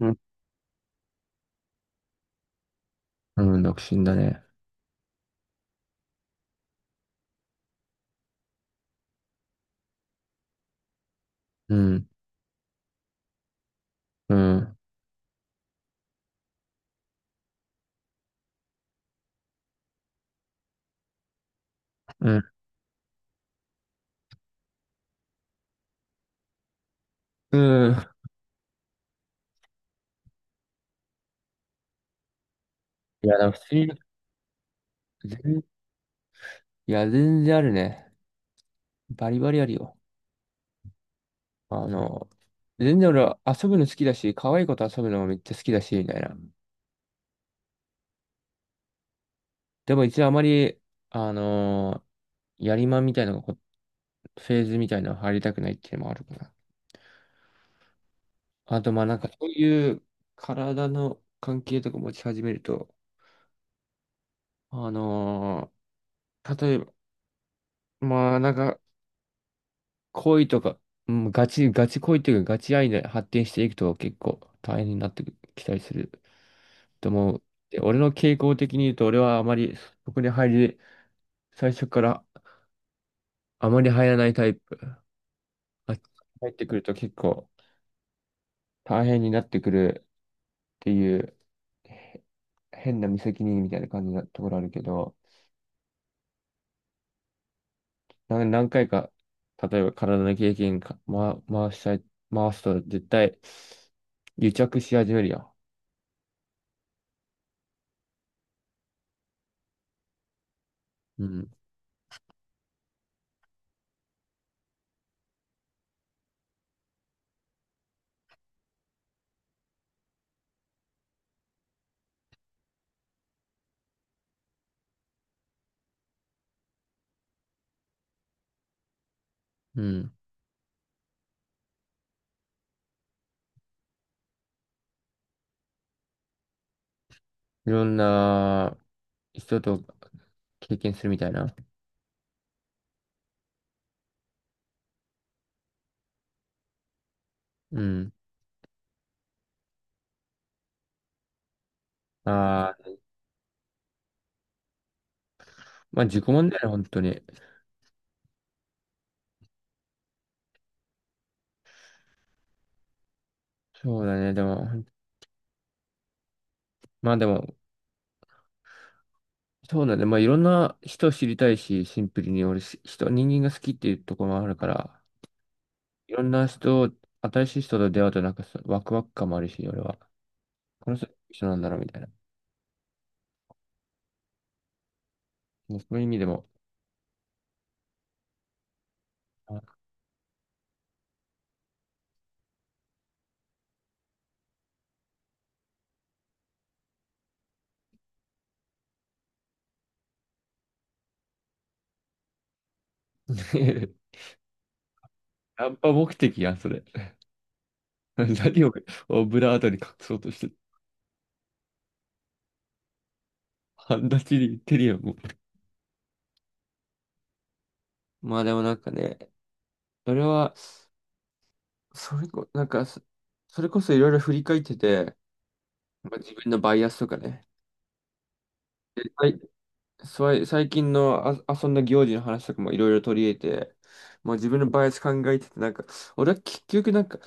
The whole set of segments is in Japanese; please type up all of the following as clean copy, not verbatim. うん、うん、独身だね。うん、うん、うん、うん。いや、でも普通に、全いや、全然あるね。バリバリあるよ。あの、全然俺は遊ぶの好きだし、可愛い子と遊ぶのもめっちゃ好きだし、みたいな。でも一応あまり、あのやりまんみたいなのがこう、フェーズみたいなの入りたくないっていうのもあるかな。あと、まあなんかそういう体の関係とか持ち始めると、あの例えば、まあなんか、恋とか、うん、ガチ恋というか、ガチ愛で発展していくと結構大変になってきたりすると思う。で、俺の傾向的に言うと、俺はあまりそこに入り、最初からあまり入らないタイプ。あ入ってくると結構大変になってくるっていう、へ変な無責任みたいな感じなところあるけど、何回か、例えば体の経験か、回したい、回すと絶対癒着し始めるよ。うん。うん。いろんな人と経験するみたいな。うん。ああ、まあ自己問題だよね、本当に。そうだね、でも、まあでも、そうだね、まあいろんな人を知りたいし、シンプルに俺、し人、人間が好きっていうところもあるから、いろんな人、新しい人と出会うとなんかワクワク感もあるし、俺は。この人一緒なんだろうみたいな。もうそういう意味でも。あ ナンパ目的やん、それ。何をオブラートに隠そうとしてる。半立ちに言ってるよ、もう。まあでもなんかね、それは、それこ、なんか、そそれこそいろいろ振り返ってて、まあ、自分のバイアスとかね。で最近の遊んだ行事の話とかもいろいろ取り入れて、まあ、自分のバイアス考えてて、なんか、俺は結局なんか、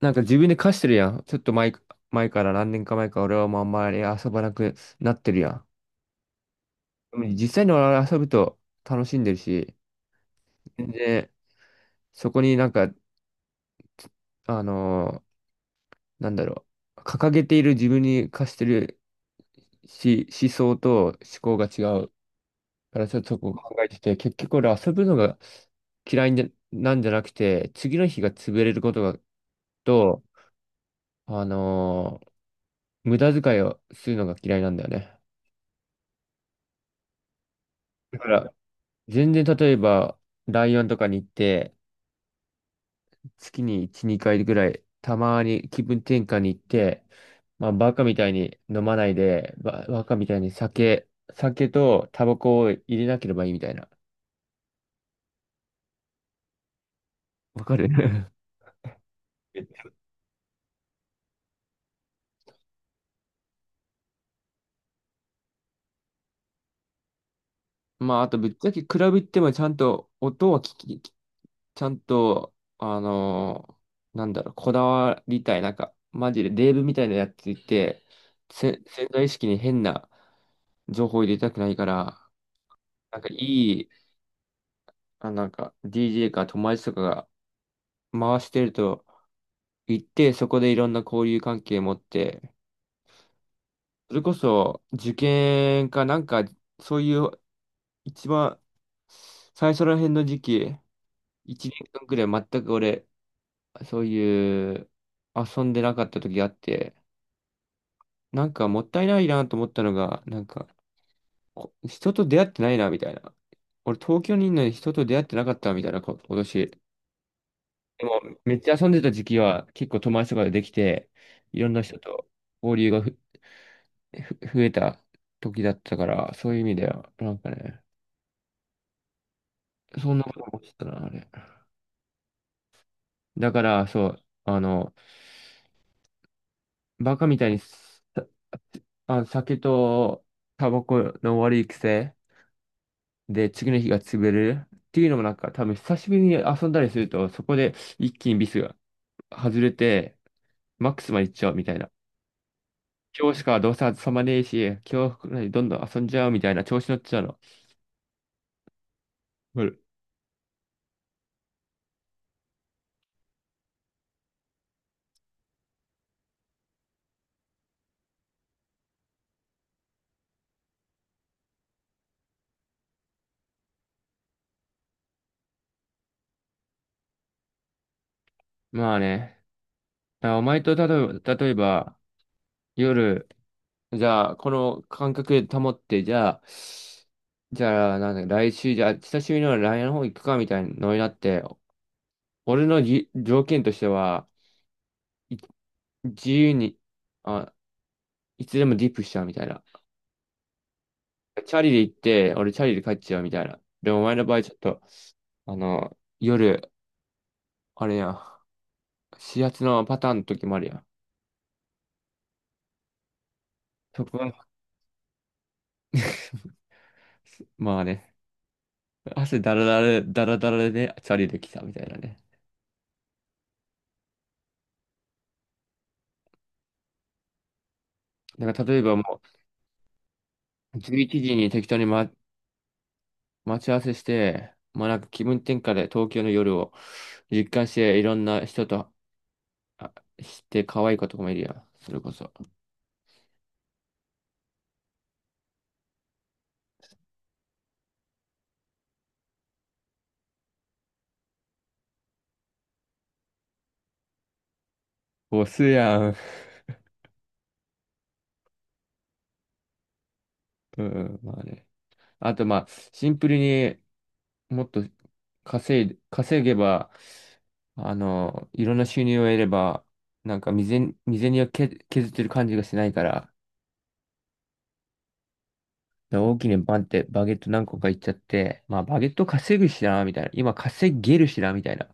なんか自分で課してるやん。ちょっと前から何年か前から俺はもうあんまり遊ばなくなってるやん。でも実際に俺は遊ぶと楽しんでるし、全然そこになんか、あのーなんだろう、掲げている自分に課してるし、思想と思考が違うから、ちょっとそこを考えてて、結局俺遊ぶのが嫌いでなんじゃなくて、次の日が潰れることが、と、あのー無駄遣いをするのが嫌いなんだよね。だから、全然例えば、ライオンとかに行って、月に1、2回ぐらい、たまに気分転換に行って、まあ、バカみたいに飲まないで、バカみたいに酒とタバコを入れなければいいみたいな。わかる まあ、あとぶっちゃけクラブ行ってもちゃんと音は聞き、ちゃんと、なんだろう、こだわりたい、なんか、マジでデーブみたいなやついて、潜在意識に変な情報を入れたくないから、なんかいい、なんか DJ か友達とかが回してると行って、そこでいろんな交流関係持って、それこそ受験かなんか、そういう一番最初ら辺の時期、1年間くらい全く俺、そういう遊んでなかった時があって、なんかもったいないなと思ったのが、なんか人と出会ってないなみたいな。俺東京にいるのに人と出会ってなかったみたいなこ、今年。でもめっちゃ遊んでた時期は結構友達とかでできて、いろんな人と交流が増えた時だったから、そういう意味では、なんかね、そんなこと思ってたな、あれ。だからそう、バカみたいにさあ酒とタバコの悪い癖。で、次の日が潰れるっていうのもなんか多分久しぶりに遊んだりすると、そこで一気にビスが外れて、マックスまで行っちゃうみたいな。今日しかどうせ遊ばねえし、今日くらいどんどん遊んじゃうみたいな調子乗っちゃうの。うん。まあね、だからお前と例えば夜、じゃあこの感覚で保って、じゃあなんだ、来週、じゃあ久しぶりのライ n の方行くかみたいなのになって、俺の条件としては、い自由に、あいつでもディップしちゃうみたいな。チャリで行って、俺チャリで帰っちゃうみたいな。でもお前の場合ちょっと、あの、夜、あれや、指圧のパターンの時もあるやん。そこは まあね、汗だらだら、だらだらでチャリで来たみたいなね。なんか例えばもう、11時に適当に、待ち合わせして、まあなんか気分転換で東京の夜を実感して、いろんな人と、あ、して可愛い子とかもいるやん。それこそ。ボスやん。うん、まあね。あと、まあ、シンプルにもっと稼げば、あの、いろんな収入を得れば、なんか未然に削ってる感じがしないから、大きなバンってバゲット何個かいっちゃって、まあ、バゲット稼ぐしな、みたいな。今稼げるしな、みたいな。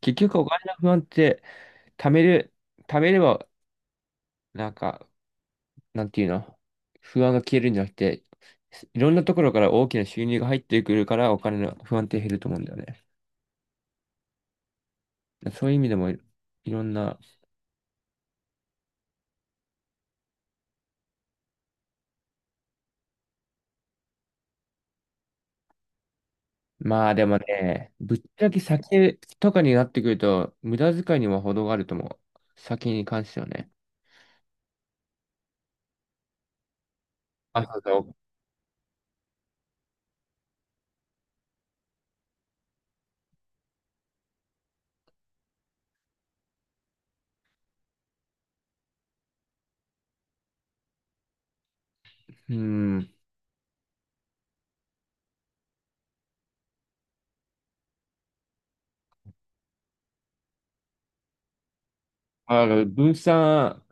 結局お金の不安って、貯める、貯めれば、なんか、なんていうの、不安が消えるんじゃなくて、いろんなところから大きな収入が入ってくるから、お金の不安って減ると思うんだよね。そういう意味でもいろんな、まあでもね、ぶっちゃけ酒とかになってくると、無駄遣いには程があると思う。酒に関してはね。あ、そうそう。うん。あの、分散、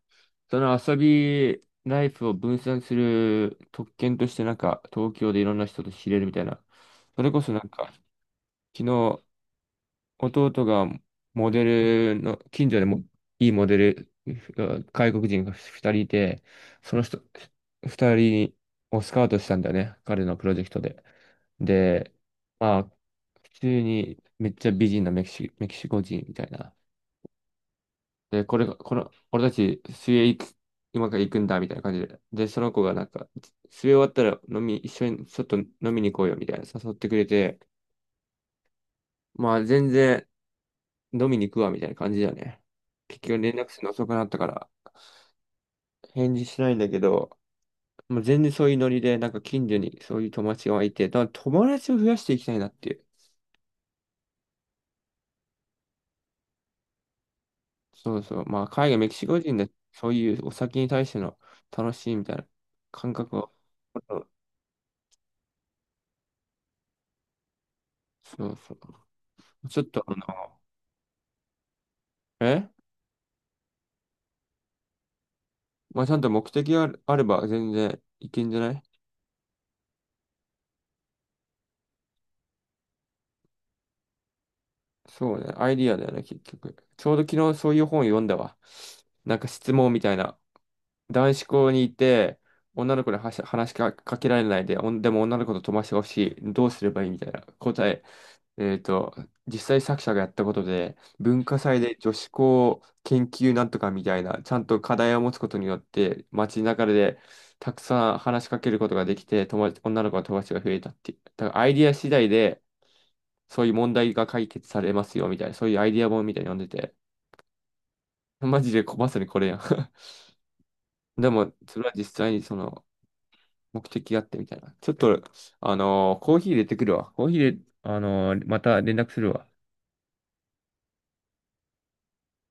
その遊びライフを分散する特権として、なんか、東京でいろんな人と知れるみたいな。それこそなんか、昨日、弟がモデルの、近所でもいいモデル、が外国人が2人いて、その人、2人をスカウトしたんだよね、彼のプロジェクトで。で、まあ、普通にめっちゃ美人なメキシコ人みたいな。で、これが、この、俺たち水泳行く、今から行くんだみたいな感じで。で、その子がなんか、水泳終わったら一緒にちょっと飲みに行こうよみたいな誘ってくれて、まあ全然、飲みに行くわ、みたいな感じだよね。結局連絡するの遅くなったから、返事しないんだけど、もう全然そういうノリで、なんか近所にそういう友達がいて、だから友達を増やしていきたいなっていう。そうそう。まあ、海外、メキシコ人で、そういうお酒に対しての楽しいみたいな感覚を、そうそう。ちょっと、あの、えまあ、ちゃんと目的があれば全然いけんじゃない。そうね。アイディアだよね、結局。ちょうど昨日そういう本読んだわ。なんか質問みたいな。男子校にいて、女の子には話しかけられないで、おんでも女の子と飛ばしてほしい。どうすればいいみたいな答え。えっと、実際作者がやったことで、文化祭で女子校研究なんとかみたいな、ちゃんと課題を持つことによって、街中でたくさん話しかけることができて、友達、女の子の友達が増えたっていう。だからアイディア次第で、そういう問題が解決されますよみたいな、そういうアイディア本みたいに読んでて、マジでまさにこれやん。でも、それは実際にその、目的があってみたいな。ちょっと、コーヒー入れてくるわ。コーヒー入れ、あのーまた連絡するわ。